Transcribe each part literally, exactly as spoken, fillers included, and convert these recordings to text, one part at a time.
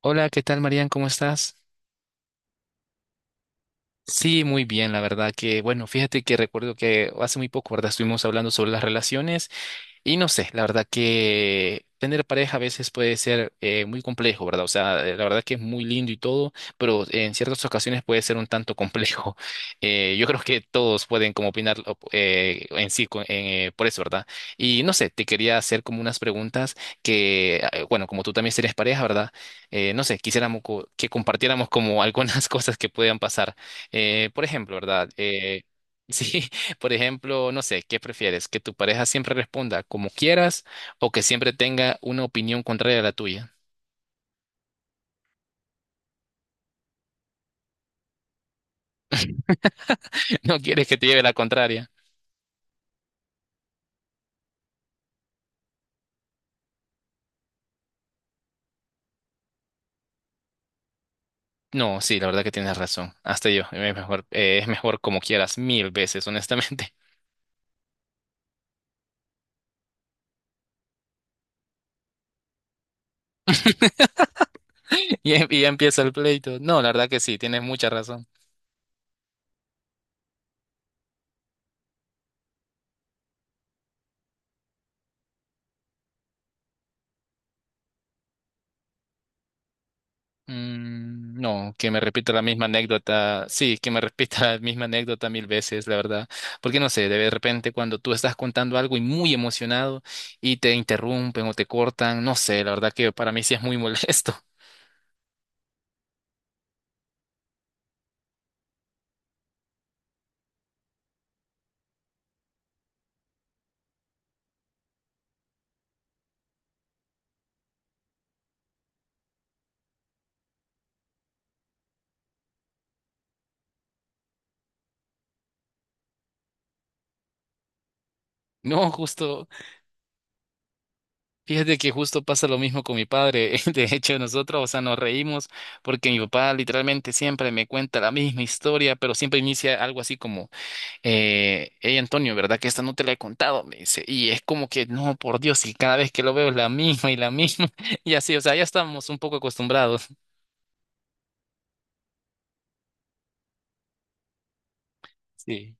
Hola, ¿qué tal, Marian? ¿Cómo estás? Sí, muy bien, la verdad que, bueno, fíjate que recuerdo que hace muy poco, ¿verdad? Estuvimos hablando sobre las relaciones y no sé, la verdad que tener pareja a veces puede ser eh, muy complejo, ¿verdad? O sea, eh, la verdad que es muy lindo y todo, pero en ciertas ocasiones puede ser un tanto complejo. Eh, yo creo que todos pueden como opinar op- eh, en sí co- eh, por eso, ¿verdad? Y no sé, te quería hacer como unas preguntas que, eh, bueno, como tú también si eres pareja, ¿verdad? Eh, no sé, quisiéramos co- que compartiéramos como algunas cosas que puedan pasar. Eh, por ejemplo, ¿verdad? Eh, Sí, por ejemplo, no sé, ¿qué prefieres? ¿Que tu pareja siempre responda como quieras o que siempre tenga una opinión contraria a la tuya? ¿No quieres que te lleve la contraria? No, sí, la verdad que tienes razón. Hasta yo, es mejor, eh, es mejor como quieras, mil veces, honestamente. Y, em- y ya empieza el pleito. No, la verdad que sí, tienes mucha razón. Mm, no, que me repita la misma anécdota. Sí, que me repita la misma anécdota mil veces, la verdad. Porque no sé, de repente cuando tú estás contando algo y muy emocionado y te interrumpen o te cortan, no sé, la verdad que para mí sí es muy molesto. No, justo, fíjate que justo pasa lo mismo con mi padre. De hecho, nosotros, o sea, nos reímos porque mi papá literalmente siempre me cuenta la misma historia, pero siempre inicia algo así como Eh, hey Antonio, ¿verdad que esta no te la he contado? Me dice, y es como que, no, por Dios, y cada vez que lo veo es la misma y la misma, y así, o sea, ya estamos un poco acostumbrados. Sí.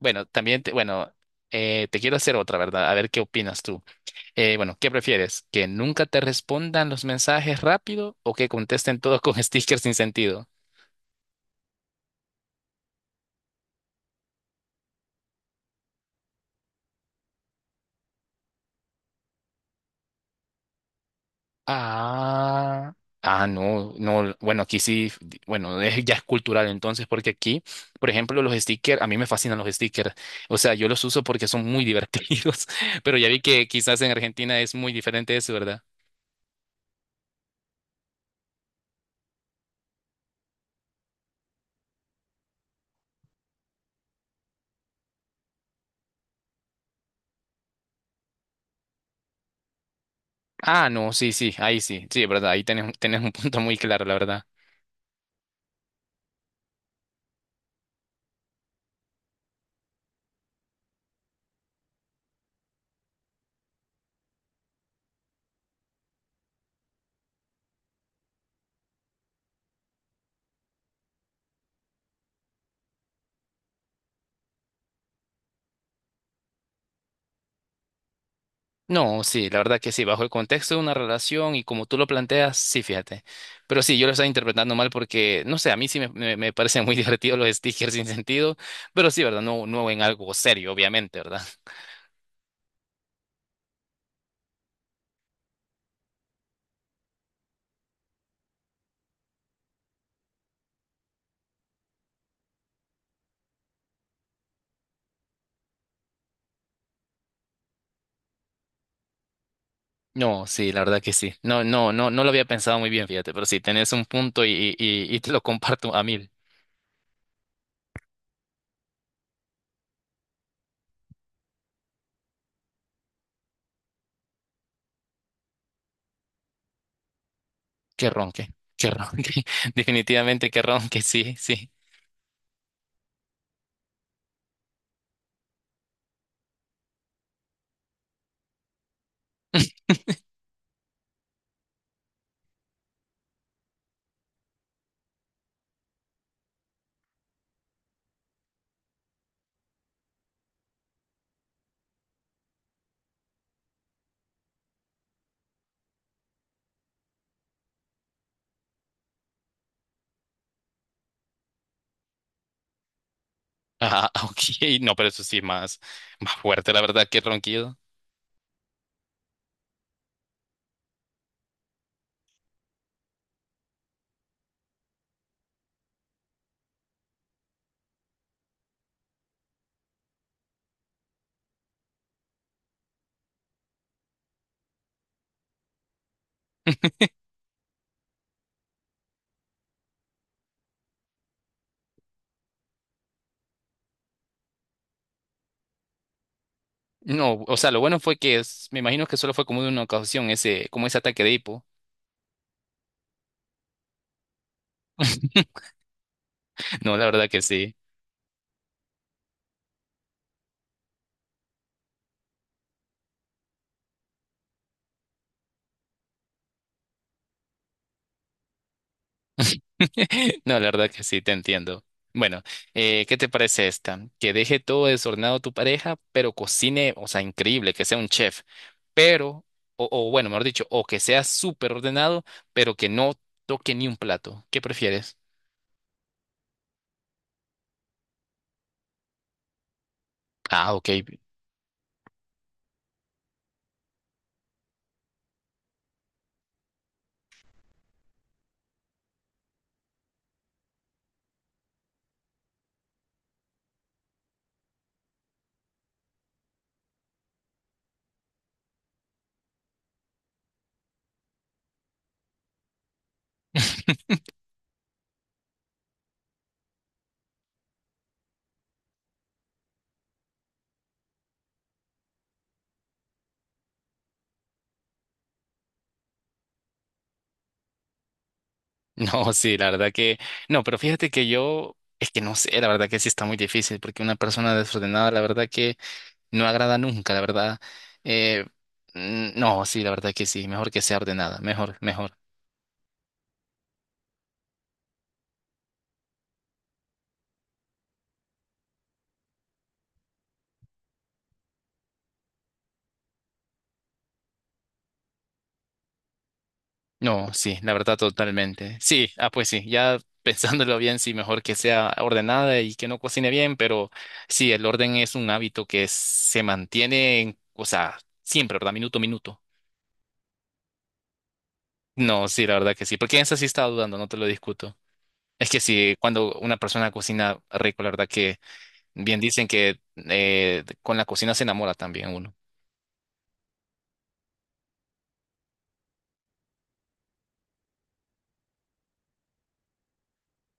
Bueno, también, te, bueno, eh, te quiero hacer otra, ¿verdad? A ver qué opinas tú. Eh, bueno, ¿qué prefieres? ¿Que nunca te respondan los mensajes rápido o que contesten todos con stickers sin sentido? Ah, ah, no, no, bueno, aquí sí, di- bueno, es- ya es cultural entonces, porque aquí, por ejemplo, los stickers, a mí me fascinan los stickers, o sea, yo los uso porque son muy divertidos, pero ya vi que quizás en Argentina es muy diferente eso, ¿verdad? Ah, no, sí, sí, ahí sí, sí, es verdad, ahí tenés, tenés un punto muy claro, la verdad. No, sí, la verdad que sí, bajo el contexto de una relación y como tú lo planteas, sí, fíjate. Pero sí, yo lo estaba interpretando mal porque, no sé, a mí sí me, me, me parecen muy divertidos los stickers sin sentido, pero sí, ¿verdad? No, no en algo serio, obviamente, ¿verdad? No, sí, la verdad que sí. No, no, no, no lo había pensado muy bien, fíjate, pero sí, tenés un punto y, y, y y te lo comparto a mil. Qué ronque, qué ronque, definitivamente qué ronque, sí, sí. Ah, ok, no, pero eso sí, más, más fuerte, la verdad, qué ronquido. No, o sea, lo bueno fue que es- me imagino que solo fue como de una ocasión ese, como ese ataque de hipo. No, la verdad que sí. No, la verdad que sí, te entiendo. Bueno, eh, ¿qué te parece esta? Que deje todo desordenado tu pareja, pero cocine, o sea, increíble, que sea un chef, pero, o, o bueno, mejor dicho, o que sea súper ordenado, pero que no toque ni un plato. ¿Qué prefieres? Ah, ok. No, sí, la verdad que no, pero fíjate que yo es que no sé, la verdad que sí está muy difícil porque una persona desordenada, la verdad que no agrada nunca, la verdad. Eh, mm, no, sí, la verdad que sí, mejor que sea ordenada, mejor, mejor. No, sí, la verdad totalmente. Sí, ah, pues sí, ya pensándolo bien, sí, mejor que sea ordenada y que no cocine bien, pero sí, el orden es un hábito que se mantiene, en- o sea, siempre, ¿verdad? Minuto a minuto. No, sí, la verdad que sí, porque en esa sí estaba dudando, no te lo discuto. Es que si cuando una persona cocina rico, la verdad que bien dicen que eh, con la cocina se enamora también uno.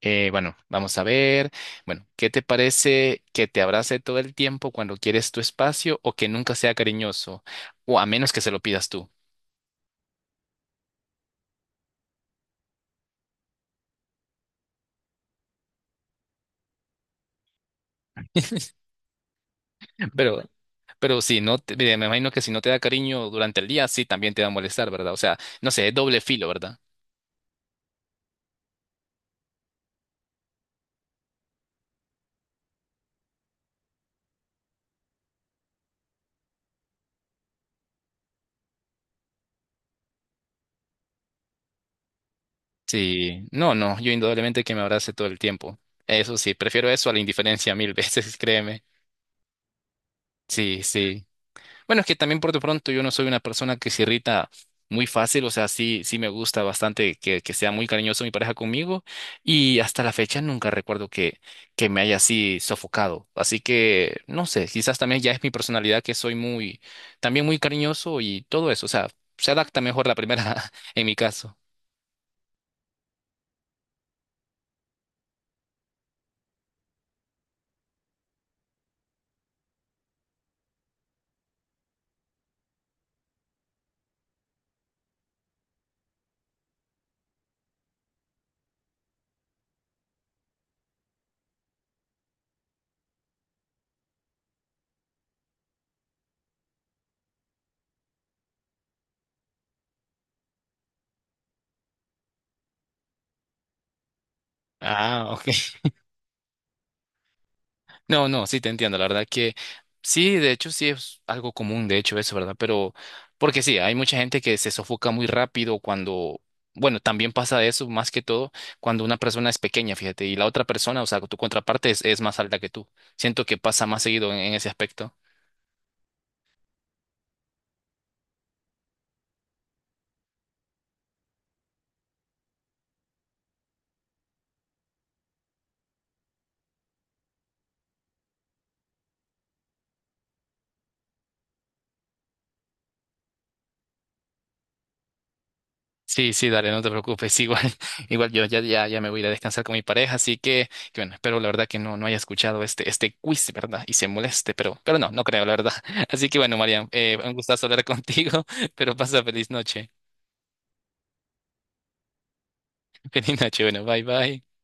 Eh, bueno, vamos a ver. Bueno, ¿qué te parece que te abrace todo el tiempo cuando quieres tu espacio o que nunca sea cariñoso? O a menos que se lo pidas tú. Pero, pero si no, te- mira, me imagino que si no te da cariño durante el día, sí, también te va a molestar, ¿verdad? O sea, no sé, es doble filo, ¿verdad? Sí, no, no, yo indudablemente que me abrace todo el tiempo. Eso sí, prefiero eso a la indiferencia mil veces, créeme. Sí, sí. Bueno, es que también por de pronto yo no soy una persona que se irrita muy fácil, o sea, sí, sí me gusta bastante que, que sea muy cariñoso mi pareja conmigo y hasta la fecha nunca recuerdo que, que me haya así sofocado. Así que, no sé, quizás también ya es mi personalidad que soy muy, también muy cariñoso y todo eso, o sea, se adapta mejor la primera en mi caso. Ah, ok. No, no, sí te entiendo, la verdad que sí, de hecho sí es algo común, de hecho eso, ¿verdad? Pero porque sí, hay mucha gente que se sofoca muy rápido cuando, bueno, también pasa eso más que todo cuando una persona es pequeña, fíjate, y la otra persona, o sea, tu contraparte es, es más alta que tú. Siento que pasa más seguido en en ese aspecto. Sí, sí, dale, no te preocupes. Igual, igual yo ya, ya, ya me voy a ir a descansar con mi pareja, así que, que bueno, espero la verdad que no, no haya escuchado este, este quiz, ¿verdad? Y se moleste, pero, pero no, no creo, la verdad. Así que bueno, Marian, eh, un gustazo hablar contigo, pero pasa feliz noche. Feliz noche, bueno, bye bye.